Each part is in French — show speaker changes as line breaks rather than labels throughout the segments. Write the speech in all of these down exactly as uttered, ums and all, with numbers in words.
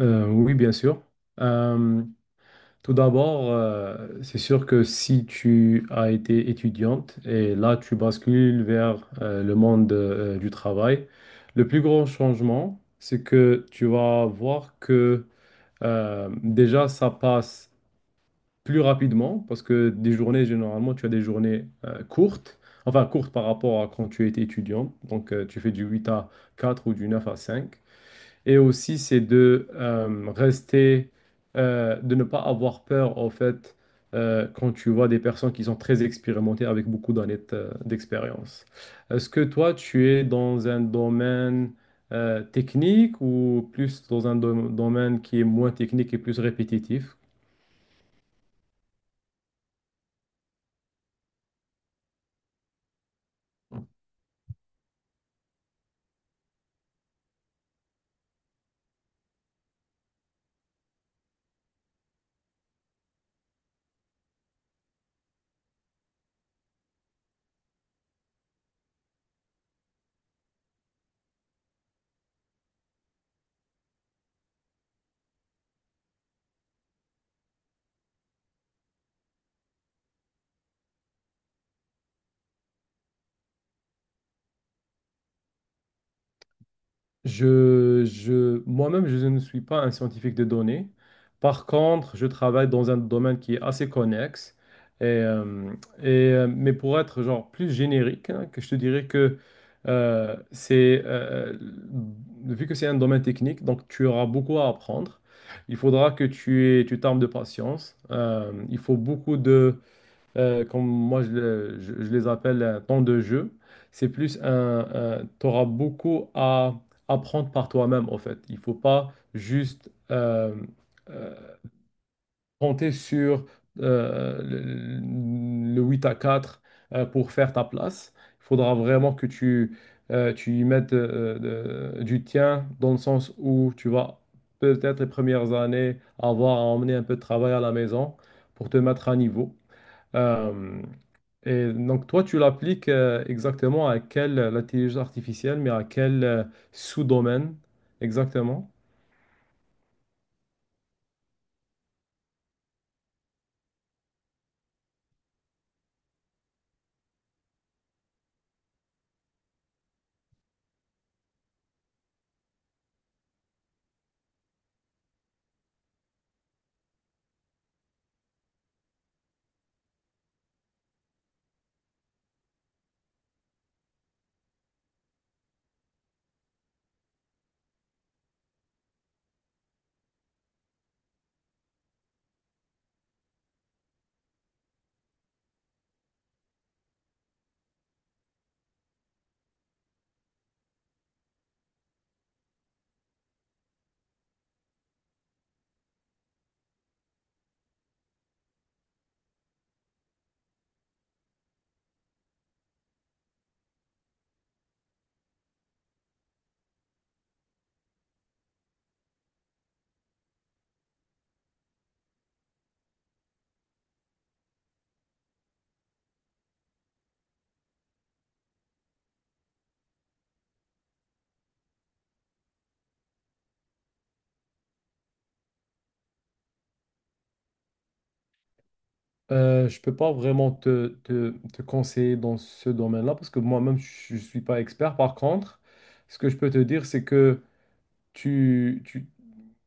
Euh, oui, bien sûr. Euh, Tout d'abord, euh, c'est sûr que si tu as été étudiante et là tu bascules vers euh, le monde euh, du travail, le plus grand changement, c'est que tu vas voir que euh, déjà ça passe plus rapidement parce que des journées, généralement, tu as des journées euh, courtes, enfin courtes par rapport à quand tu étais étudiant. Donc euh, tu fais du huit à quatre ou du neuf à cinq. Et aussi, c'est de euh, rester, euh, de ne pas avoir peur, en fait, euh, quand tu vois des personnes qui sont très expérimentées avec beaucoup d'années de- euh, d'expérience. Est-ce que toi, tu es dans un domaine euh, technique ou plus dans un dom- domaine qui est moins technique et plus répétitif? Je, je, moi-même, je ne suis pas un scientifique de données. Par contre, je travaille dans un domaine qui est assez connexe. Et, euh, et, euh, mais pour être genre plus générique, hein, que je te dirais que euh, c'est euh, euh, vu que c'est un domaine technique, donc tu auras beaucoup à apprendre. Il faudra que tu aies, tu t'armes de patience. Euh, il faut beaucoup de euh, comme moi je, le- je- je les appelle euh, temps de jeu. C'est plus un, tu auras beaucoup à apprendre par toi-même en fait. Il faut pas juste euh, euh, compter sur euh, le, le huit à quatre euh, pour faire ta place. Il faudra vraiment que tu, euh, tu y mettes euh, de- du tien dans le sens où tu vas peut-être les premières années avoir à emmener un peu de travail à la maison pour te mettre à niveau. Euh, et donc, toi, tu l'appliques euh, exactement à quelle euh, l'intelligence artificielle, mais à quel euh, sous-domaine exactement? Euh, je peux pas vraiment te, te- te conseiller dans ce domaine-là parce que moi-même, je, je suis pas expert. Par contre, ce que je peux te dire, c'est que tu, tu-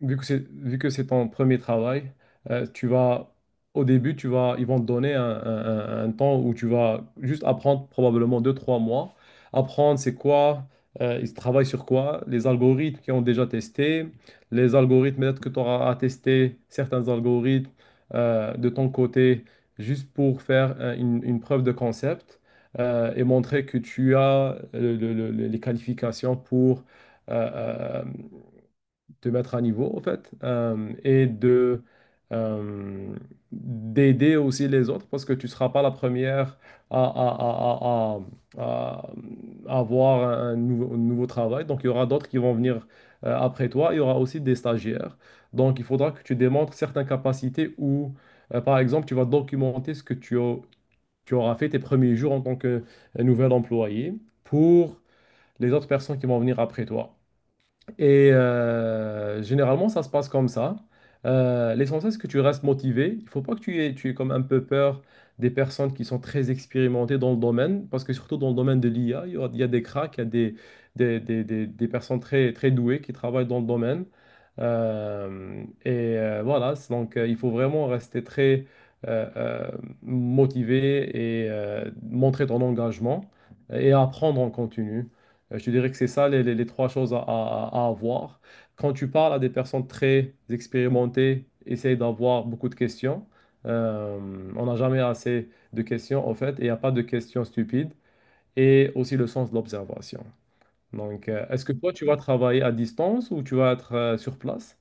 vu que c'est, vu que c'est ton premier travail, euh, tu vas, au début, tu vas, ils vont te donner un, un- un- un temps où tu vas juste apprendre probablement deux, trois mois. Apprendre c'est quoi, euh, ils travaillent sur quoi, les algorithmes qu'ils ont déjà testés, les algorithmes, peut-être que tu auras à tester certains algorithmes euh, de ton côté juste pour faire euh, une, une preuve de concept euh, et montrer que tu as le- le- le- les qualifications pour. euh, euh, Te mettre à niveau, en fait, euh, et de euh, d'aider aussi les autres parce que tu ne seras pas la première à, à- à- à- à- à avoir un, un nouveau, un nouveau travail. Donc, il y aura d'autres qui vont venir euh, après toi. Il y aura aussi des stagiaires. Donc, il faudra que tu démontres certaines capacités ou, euh, par exemple, tu vas documenter ce que tu, au- tu auras fait tes premiers jours en tant que euh, nouvel employé pour les autres personnes qui vont venir après toi. Et euh, généralement, ça se passe comme ça. Euh, l'essentiel, c'est que tu restes motivé. Il ne faut pas que tu aies, tu aies comme un peu peur des personnes qui sont très expérimentées dans le domaine, parce que surtout dans le domaine de l'I A, il y a, il y a des cracks, il y a des, des, des- des- des personnes très, très douées qui travaillent dans le domaine. Euh, et euh, voilà, c'est donc euh, il faut vraiment rester très euh, euh, motivé et euh, montrer ton engagement et apprendre en continu. Euh, Je te dirais que c'est ça les, les- les trois choses à, à- à avoir. Quand tu parles à des personnes très expérimentées, essaye d'avoir beaucoup de questions. Euh, on n'a jamais assez de questions en fait, et il n'y a pas de questions stupides. Et aussi le sens de l'observation. Donc, euh, est-ce que toi, tu vas travailler à distance ou tu vas être euh, sur place?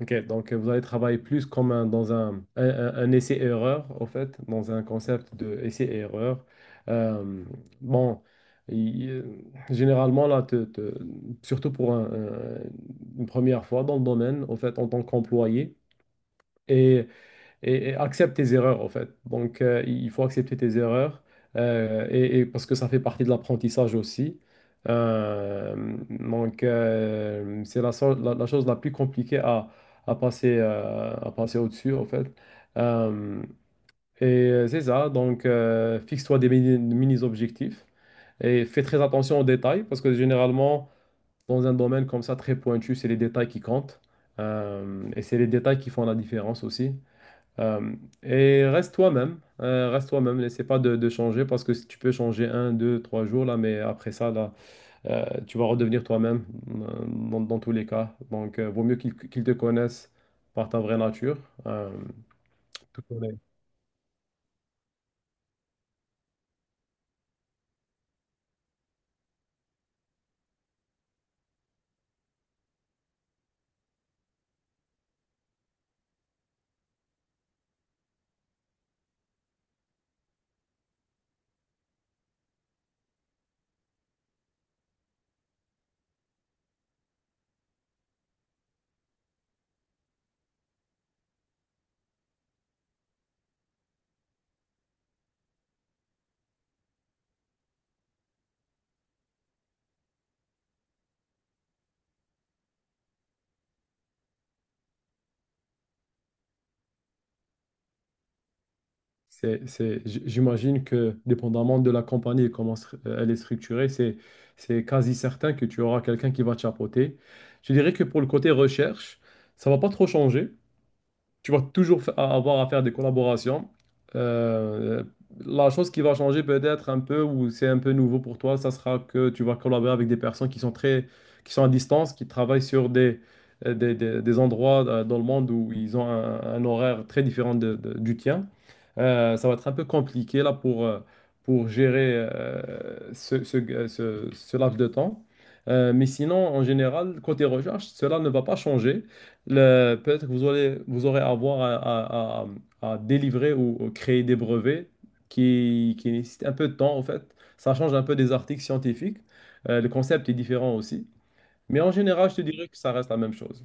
Ok, donc euh, vous allez travailler plus comme un- dans un, un, un- un essai-erreur, en fait, dans un concept de essai-erreur. Euh, bon, il- euh, généralement, là, te- te- surtout pour un- un- une première fois dans le domaine, en fait, en tant qu'employé, et, et accepte tes erreurs en fait. Donc euh, il faut accepter tes erreurs euh, et, et parce que ça fait partie de l'apprentissage aussi. Euh, donc euh, c'est la, so- la, la chose la plus compliquée à, à passer, euh, à passer au-dessus en fait. Euh, et euh, c'est ça, donc euh, fixe-toi des mini- mini-objectifs et fais très attention aux détails parce que généralement dans un domaine comme ça très pointu, c'est les détails qui comptent. Euh, et c'est les détails qui font la différence aussi. Euh, et reste toi-même, euh, reste toi-même, n'essaie pas de, de changer parce que si tu peux changer un, deux, trois jours là, mais après ça là, euh, tu vas redevenir toi-même euh, dans, dans tous les cas. Donc, euh, vaut mieux qu'ils qu'ils te connaissent par ta vraie nature. Euh, Tout à fait. c'est, c'est, j- j'imagine que dépendamment de la compagnie et comment stru- euh, elle est structurée, c'est, c'est quasi certain que tu auras quelqu'un qui va te chapeauter. Je dirais que pour le côté recherche, ça va pas trop changer. tu vas toujours fa- avoir à faire des collaborations. Euh, la chose qui va changer peut-être un peu, ou c'est un peu nouveau pour toi, ça sera que tu vas collaborer avec des personnes qui sont très, qui sont à distance, qui travaillent sur des, euh, des, des- des endroits euh, dans le monde où ils ont un, un horaire très différent de- de- du tien. Euh, ça va être un peu compliqué là pour, euh, pour gérer euh, ce, ce, euh, ce- ce laps de temps. Euh, mais sinon, en général, côté recherche, cela ne va pas changer. Le- peut-être que vous aurez, vous aurez avoir à, à- à- à délivrer ou, ou créer des brevets qui, qui nécessitent un peu de temps, en fait. Ça change un peu des articles scientifiques. Euh, le concept est différent aussi. Mais en général, je te dirais que ça reste la même chose.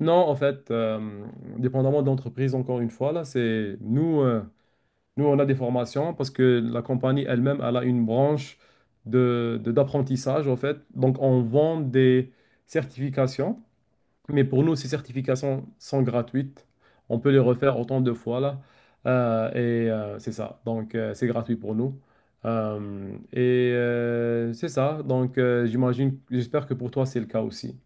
Non, en fait, euh, dépendamment de l'entreprise, encore une fois, là, c'est nous, euh, nous, on a des formations parce que la compagnie elle-même, elle a une branche de, de- d'apprentissage, en fait. Donc, on vend des certifications. Mais pour nous, ces certifications sont gratuites. On peut les refaire autant de fois là. Euh, et euh, c'est ça. Donc, euh, c'est gratuit pour nous. Euh, et euh, c'est ça. Donc, euh, j'imagine, j'espère que pour toi, c'est le cas aussi.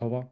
Au revoir.